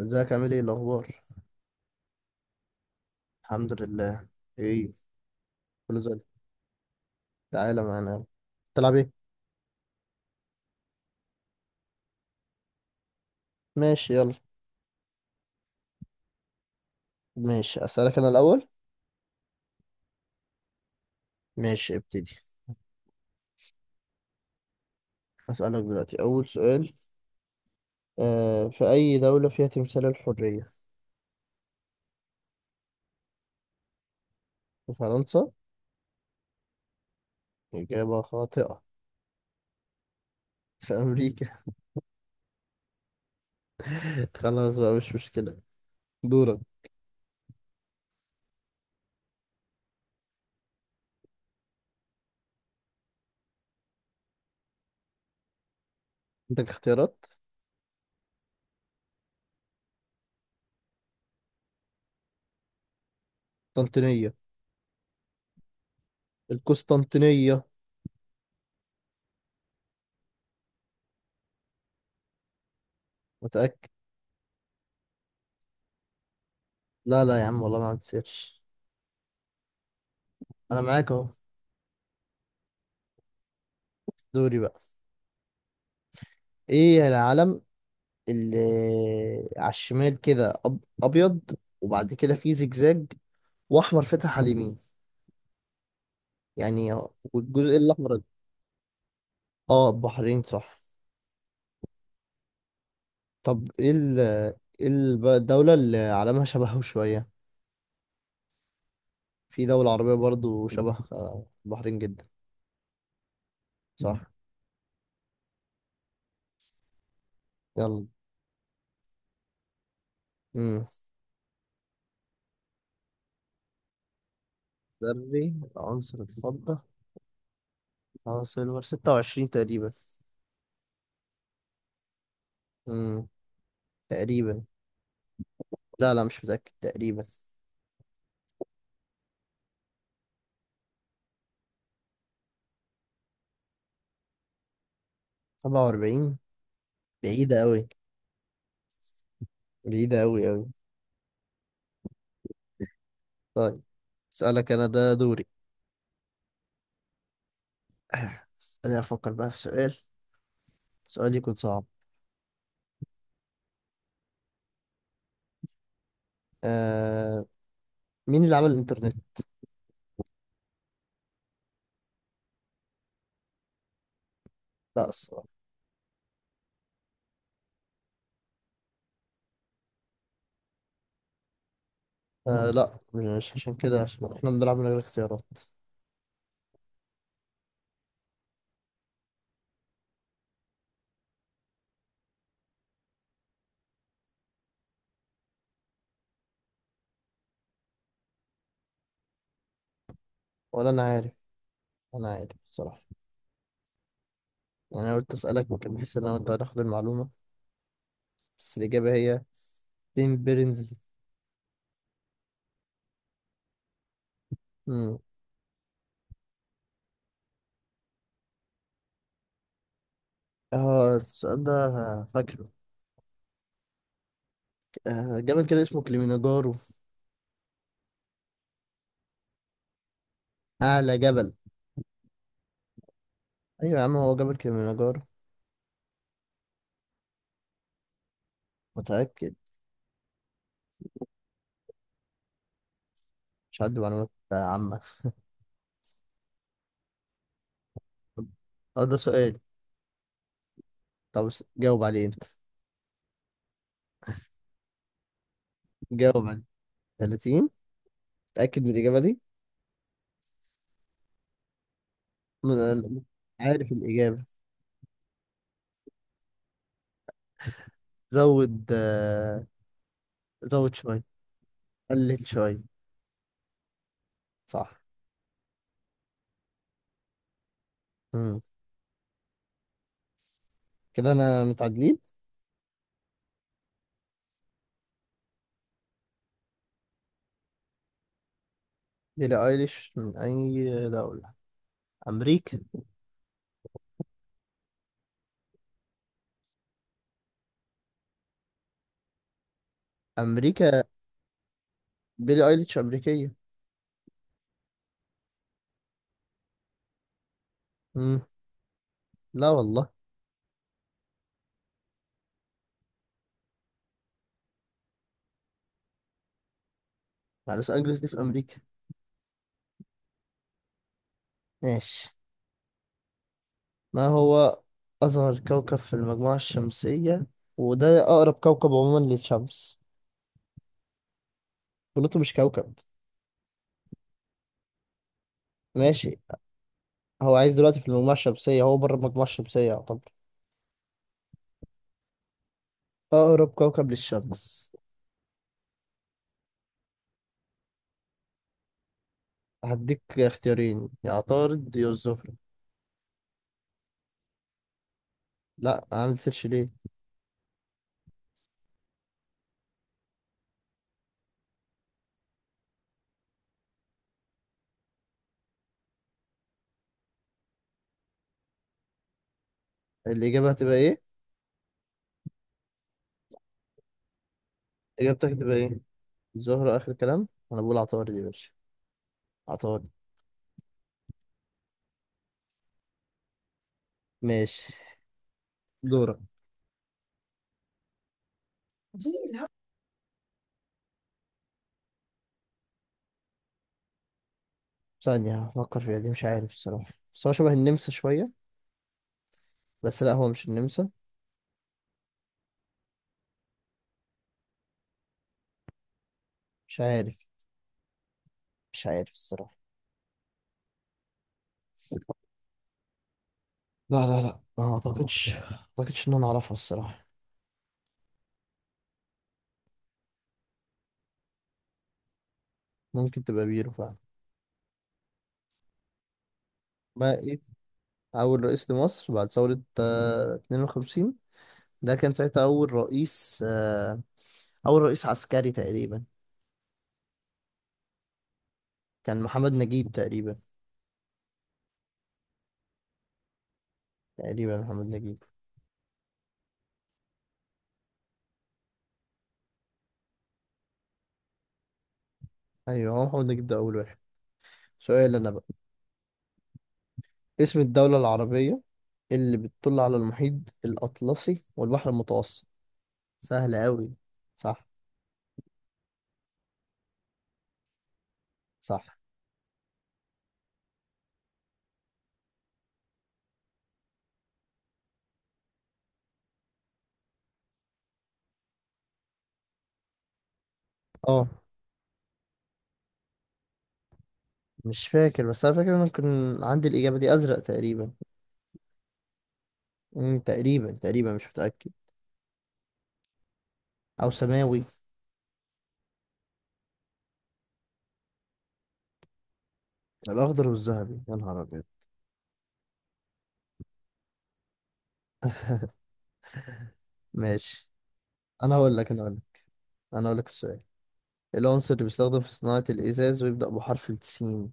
ازيك عامل ايه الاخبار؟ الحمد لله. ايه؟ كله زي الفل. تعالى معانا. تلعب ايه؟ ماشي يلا. ماشي اسالك انا الاول. ماشي ابتدي. اسالك دلوقتي اول سؤال. في اي دوله فيها تمثال الحريه؟ في فرنسا. اجابه خاطئه. في امريكا. خلاص بقى مش مشكله. دورك. عندك اختيارات؟ قسطنطينيه. القسطنطينيه. متاكد؟ لا لا يا عم والله ما عندي سيرش. انا معاك اهو. دوري بقى. ايه العلم اللي على الشمال كده ابيض، وبعد كده في زجزاج، واحمر فاتح على اليمين يعني. والجزء الاحمر. اه البحرين صح. طب ايه الدولة اللي علمها شبهه شوية. في دولة عربية برضو شبه البحرين جدا. صح. يلا. امم. ذري العنصر الفضة. اه سيلفر 26 تقريبا. امم. تقريبا. لا لا مش متأكد تقريبا. 47. بعيدة أوي. بعيدة أوي أوي. طيب. اسألك انا ده دوري. انا افكر بقى في سؤال. سؤال يكون صعب. آه... مين اللي عمل الانترنت؟ لا الصراحة. لا. مش عشان كده، عشان احنا بنلعب من غير اختيارات. ولا انا عارف. انا عارف الصراحة. يعني انا قلت اسألك ممكن بحيث ان انا وانت هناخد المعلومة. بس الاجابة هي تيم بيرنز. مم. اه السؤال ده أنا فاكره. جبل كده اسمه كليمنجارو. اعلى جبل. ايوه يا عم هو جبل كليمنجارو. متأكد. مش عندي معلومات عامة. اه ده سؤال. طب جاوب عليه انت. جاوب عليه. 30. متأكد من الإجابة دي؟ من أنا؟ عارف الإجابة. زود زود شوية. قلل شوية. صح. مم. كده أنا متعادلين. بيلي أيليش من أي دولة؟ أمريكا. أمريكا. بيلي أيليش أمريكية. مم. لا والله. مع لوس أنجلوس دي في أمريكا. ماشي. ما هو أصغر كوكب في المجموعة الشمسية؟ وده أقرب كوكب عموما للشمس. بلوتو مش كوكب. ماشي. هو عايز دلوقتي في المجموعة الشمسية، هو بره المجموعة الشمسية يعتبر. أقرب كوكب للشمس. هديك اختيارين، يا عطارد يا الزهرة. لا عامل سيرش ليه. الإجابة هتبقى إيه؟ إجابتك هتبقى إيه؟ الزهرة آخر كلام، أنا بقول عطارد يا باشا. عطارد. ماشي. دورك. ثانية هفكر فيها، دي مش عارف الصراحة، بس هو شبه النمسا شوية. بس لا هو مش النمسا. مش عارف. مش عارف الصراحة. لا لا لا ما أعتقدش ما أعتقدش إن أنا أعرفها الصراحة. ممكن تبقى بيرو فعلا. ما إيه؟ أول رئيس لمصر بعد ثورة 52. ده كان ساعتها أول رئيس. أول رئيس عسكري تقريبا. كان محمد نجيب تقريبا. تقريبا محمد نجيب. أيوه هو محمد نجيب ده أول واحد. سؤال أنا بقى. اسم الدولة العربية اللي بتطل على المحيط الأطلسي والبحر المتوسط. سهل أوي. صح. صح. أه مش فاكر، بس أنا فاكر إن أنا كان عندي الإجابة دي. أزرق تقريبا. تقريبا تقريبا مش متأكد. أو سماوي. الأخضر والذهبي يا نهار أبيض. ماشي. انا هقول لك انا هقول لك انا هقول لك السؤال. العنصر اللي بيستخدم في صناعة الإزاز ويبدأ بحرف السين.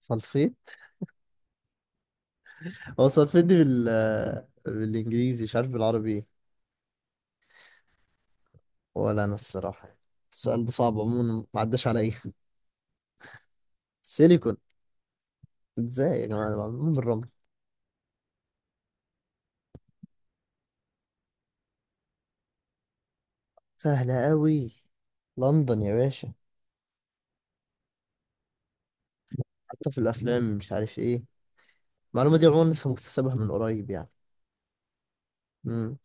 سلفيت. هو سلفيت دي بالإنجليزي، مش عارف بالعربي ايه. ولا أنا الصراحة يعني. السؤال ده صعب عموما ما عداش عليا. سيليكون. ازاي يا جماعة ده معمول من الرمل. سهلة أوي. لندن يا باشا. حتى في الأفلام مش عارف ايه. المعلومة دي عموما لسه مكتسبها من قريب يعني. مم.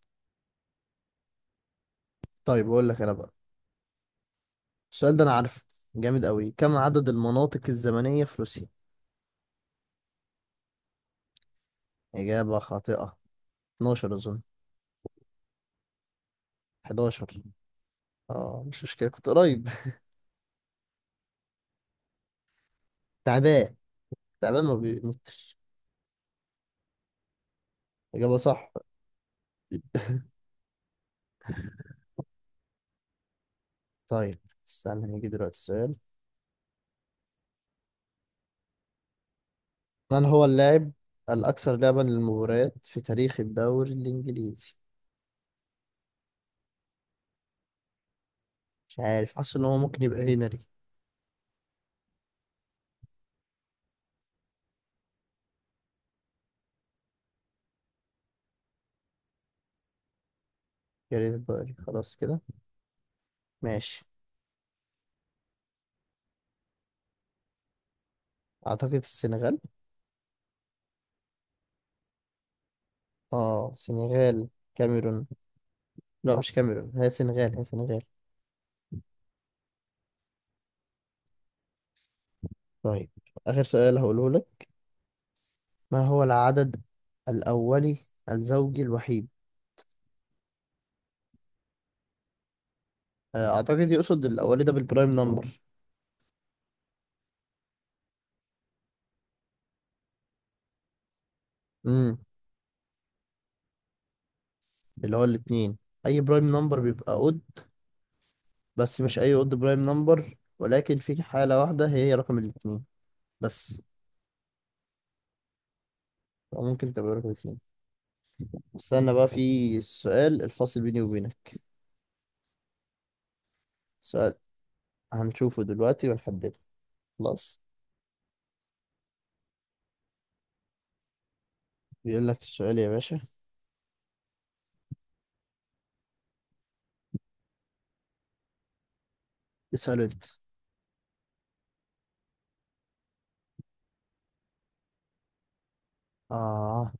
طيب أقول لك أنا بقى. السؤال ده أنا عارفه، جامد أوي. كم عدد المناطق الزمنية في روسيا؟ إجابة خاطئة. 12 أظن. 11. اه مش مشكلة كنت قريب. تعبان. تعبان ما بيموت. إجابة صح. طيب. استنى هيجي دلوقتي سؤال. من هو اللاعب الأكثر لعبا للمباريات في تاريخ الدوري الإنجليزي؟ مش عارف، حاسس إن هو ممكن يبقى هنري. جاريث باري خلاص كده. ماشي. أعتقد السنغال. اه سنغال. كاميرون. لا مش كاميرون، هي سنغال هي سنغال. طيب. آخر سؤال هقوله لك. ما هو العدد الأولي الزوجي الوحيد؟ اعتقد يقصد الاولي ده بالبرايم نمبر. امم. اللي هو الاتنين. اي برايم نمبر بيبقى اود، بس مش اي اود برايم نمبر، ولكن في حالة واحدة هي رقم الاتنين بس. أو ممكن تبقى رقم اتنين. استنى بقى في السؤال الفاصل بيني وبينك. سؤال هنشوفه دلوقتي ونحدده. خلاص. بيقول لك السؤال يا باشا. اسأله انت. اه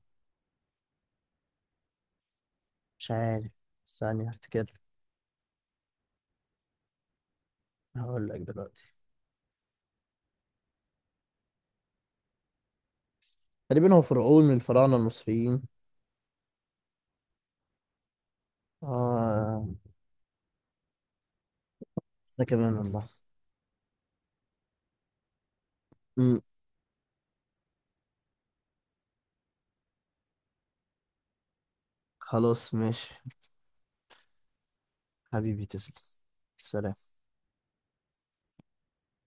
مش عارف. ثانية هفتكر. هقول لك دلوقتي. تقريبا هو فرعون من الفراعنة المصريين. اه. ده كمان والله. امم. خلاص ماشي. حبيبي تسلم. سلام.